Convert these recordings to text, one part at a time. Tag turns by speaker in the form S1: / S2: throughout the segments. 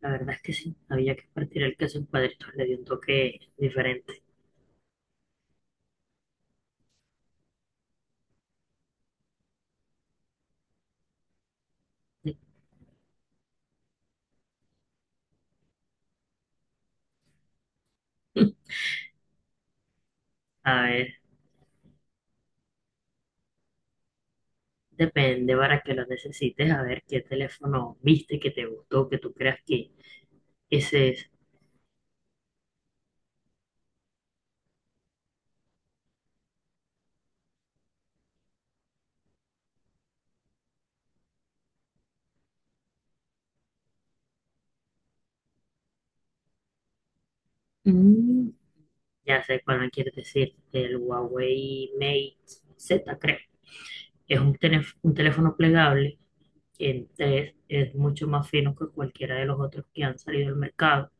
S1: La verdad es que sí, había que partir el queso en cuadritos, le dio un toque diferente. A ver, depende para que lo necesites, a ver qué teléfono viste que te gustó, que tú creas que ese es. Mm, ya sé cuál me quieres decir, el Huawei Mate Z, creo. Es un teléfono plegable, que es mucho más fino que cualquiera de los otros que han salido al mercado.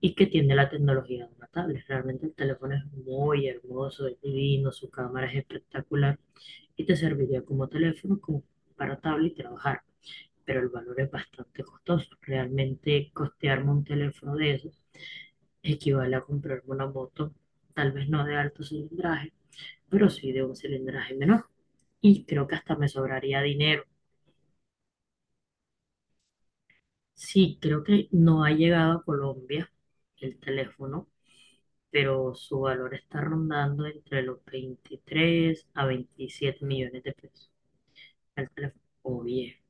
S1: Y que tiene la tecnología de una tablet. Realmente el teléfono es muy hermoso, es divino, su cámara es espectacular y te serviría como teléfono, como para tablet y trabajar. Pero el valor es bastante costoso. Realmente costearme un teléfono de esos equivale a comprarme una moto, tal vez no de alto cilindraje, pero sí de un cilindraje menor. Y creo que hasta me sobraría dinero. Sí, creo que no ha llegado a Colombia el teléfono, pero su valor está rondando entre los 23 a 27 millones de pesos el teléfono. Oye,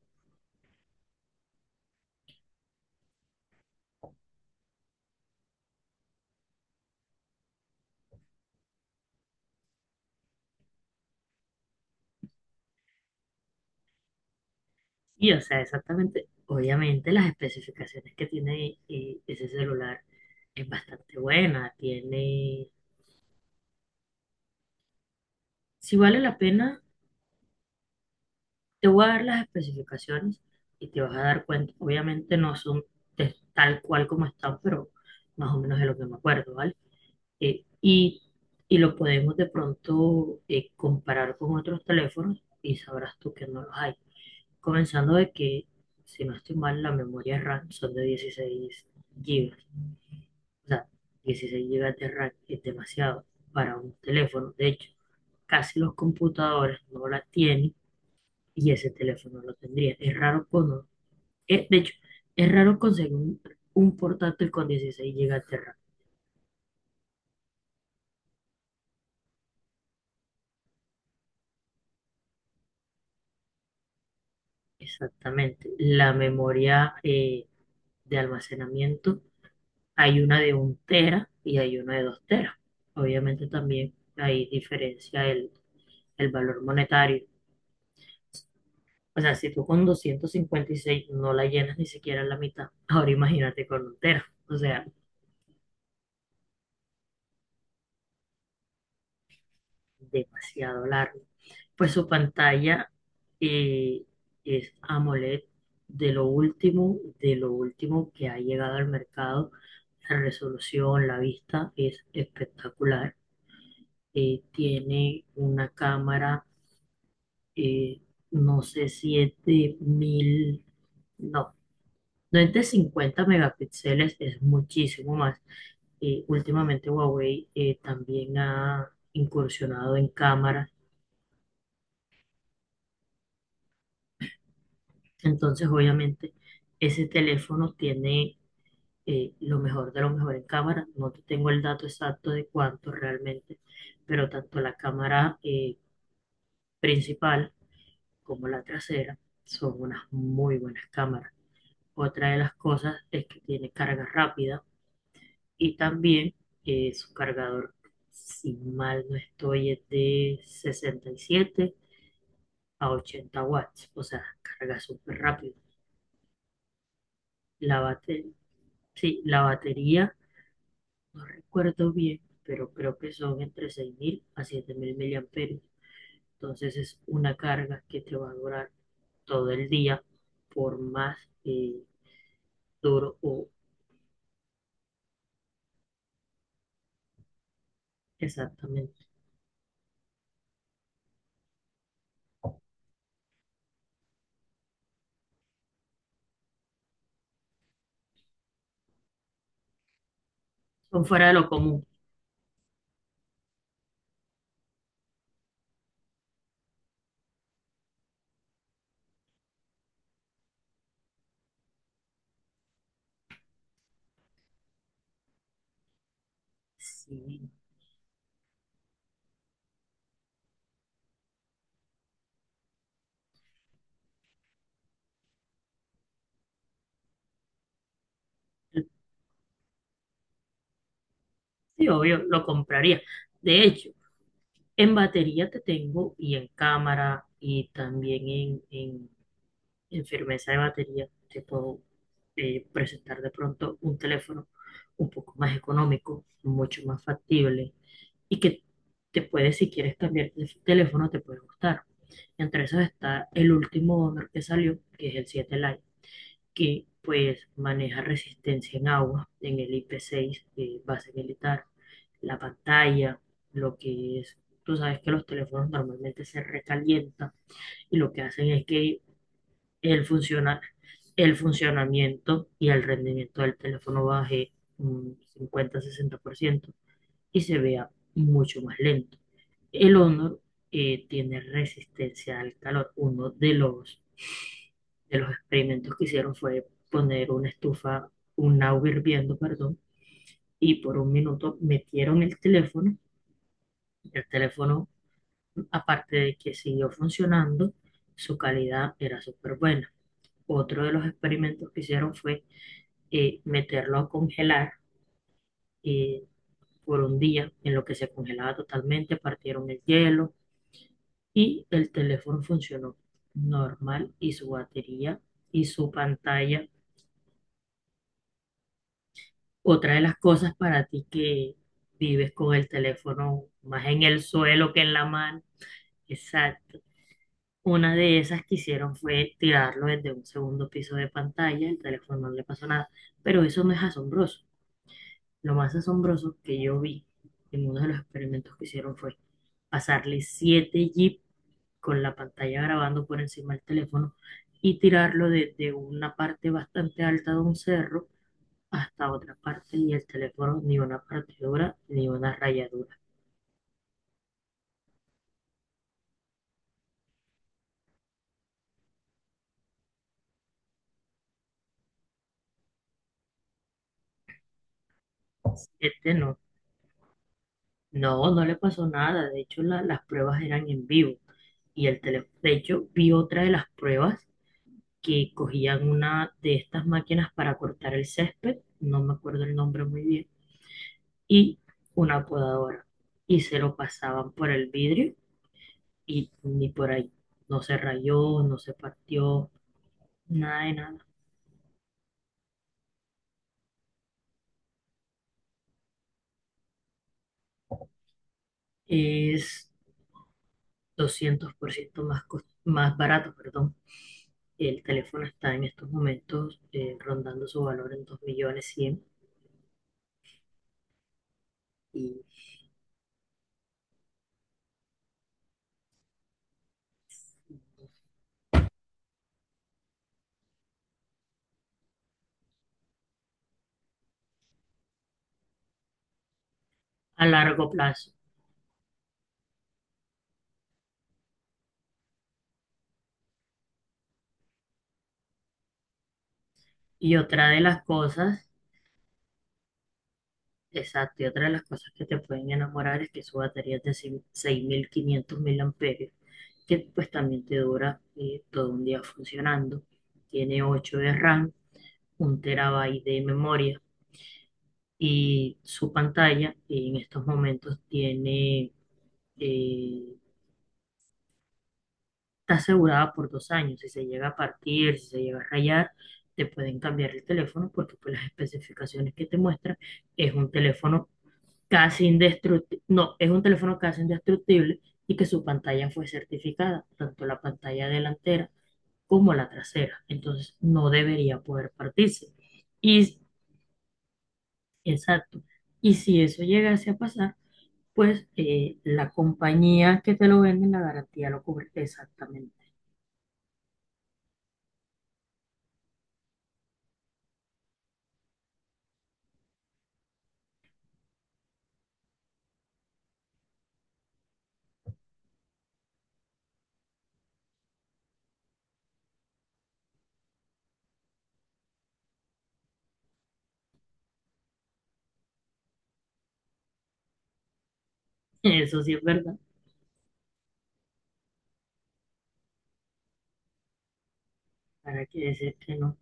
S1: y o sea, exactamente, obviamente las especificaciones que tiene ese celular es bastante buena, tiene, si vale la pena, te voy a dar las especificaciones y te vas a dar cuenta, obviamente no son tal cual como están, pero más o menos de lo que me acuerdo, ¿vale? eh, y, y lo podemos de pronto comparar con otros teléfonos y sabrás tú que no los hay. Comenzando de que, si no estoy mal, la memoria RAM son de 16 gigas. O sea, 16 gigas de RAM es demasiado para un teléfono. De hecho, casi los computadores no la tienen y ese teléfono lo tendría. De hecho, es raro conseguir un portátil con 16 gigas de RAM. Exactamente. La memoria de almacenamiento, hay una de un tera y hay una de 2 teras. Obviamente también ahí diferencia el valor monetario. O sea, si tú con 256 no la llenas ni siquiera la mitad, ahora imagínate con un tera. O sea, demasiado largo. Pues su pantalla eh, es AMOLED de lo último que ha llegado al mercado. La resolución, la vista es espectacular. Tiene una cámara, eh, no sé si es de mil, no, no es de 50 megapíxeles, es muchísimo más. Últimamente Huawei también ha incursionado en cámaras, entonces obviamente ese teléfono tiene lo mejor de lo mejor en cámara. No te tengo el dato exacto de cuánto realmente, pero tanto la cámara principal como la trasera son unas muy buenas cámaras. Otra de las cosas es que tiene carga rápida y también su cargador, si mal no estoy, es de 67 a 80 watts, o sea, carga súper rápido. La batería, sí, la batería, no recuerdo bien, pero creo que son entre 6000 a 7000 miliamperios. Entonces es una carga que te va a durar todo el día, por más eh, duro o exactamente. Son fuera de lo común. Sí, sí, obvio, lo compraría. De hecho, en batería te tengo y en cámara y también en firmeza de batería te puedo presentar de pronto un teléfono un poco más económico, mucho más factible y que te puede, si quieres cambiar de teléfono, te puede gustar. Entre esos está el último Honor que salió, que es el 7 Lite, que pues maneja resistencia en agua en el IP6, base militar, la pantalla, lo que es, tú sabes que los teléfonos normalmente se recalientan y lo que hacen es que el, funciona, el funcionamiento y el rendimiento del teléfono baje un 50-60% y se vea mucho más lento. El Honor tiene resistencia al calor, uno de los experimentos que hicieron fue poner una estufa, un agua hirviendo, perdón, y por un minuto metieron el teléfono. El teléfono, aparte de que siguió funcionando, su calidad era súper buena. Otro de los experimentos que hicieron fue meterlo a congelar eh, por un día, en lo que se congelaba totalmente, partieron el hielo y el teléfono funcionó normal y su batería y su pantalla. Otra de las cosas para ti que vives con el teléfono más en el suelo que en la mano. Exacto. Una de esas que hicieron fue tirarlo desde un segundo piso de pantalla, el teléfono no le pasó nada, pero eso no es asombroso. Lo más asombroso que yo vi en uno de los experimentos que hicieron fue pasarle 7 jeep con la pantalla grabando por encima del teléfono y tirarlo desde una parte bastante alta de un cerro hasta otra parte, y el teléfono ni una partidura ni una rayadura. Este no, no, no le pasó nada. De hecho, las pruebas eran en vivo y el teléfono, de hecho, vi otra de las pruebas que cogían una de estas máquinas para cortar el césped, no me acuerdo el nombre muy bien, y una podadora, y se lo pasaban por el vidrio y ni por ahí. No se rayó, no se partió, nada de nada. Es 200% más, más barato, perdón. El teléfono está en estos momentos rondando su valor en 2 millones 100 y a largo plazo. Y otra de las cosas, Exacto. Y otra de las cosas que te pueden enamorar es que su batería es de 6500 mil amperios, que pues también te dura todo un día funcionando. Tiene 8 de RAM, un terabyte de memoria y su pantalla en estos momentos tiene eh, está asegurada por 2 años. Si se llega a partir, si se llega a rayar, te pueden cambiar el teléfono porque pues las especificaciones que te muestran es un teléfono casi indestructible, no, es un teléfono casi indestructible y que su pantalla fue certificada, tanto la pantalla delantera como la trasera. Entonces no debería poder partirse. Y, exacto. Y si eso llegase a pasar, pues la compañía que te lo vende, la garantía lo cubre exactamente. Eso sí es verdad. ¿Para qué decirte no?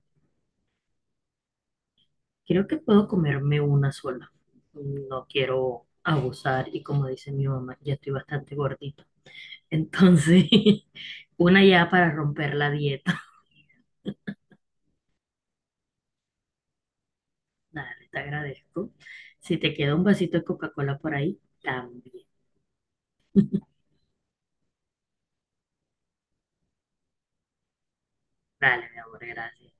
S1: Creo que puedo comerme una sola. No quiero abusar y como dice mi mamá, ya estoy bastante gordita. Entonces, una ya para romper la dieta. Dale, te agradezco. Si te queda un vasito de Coca-Cola por ahí, también. Dale, mi amor, gracias.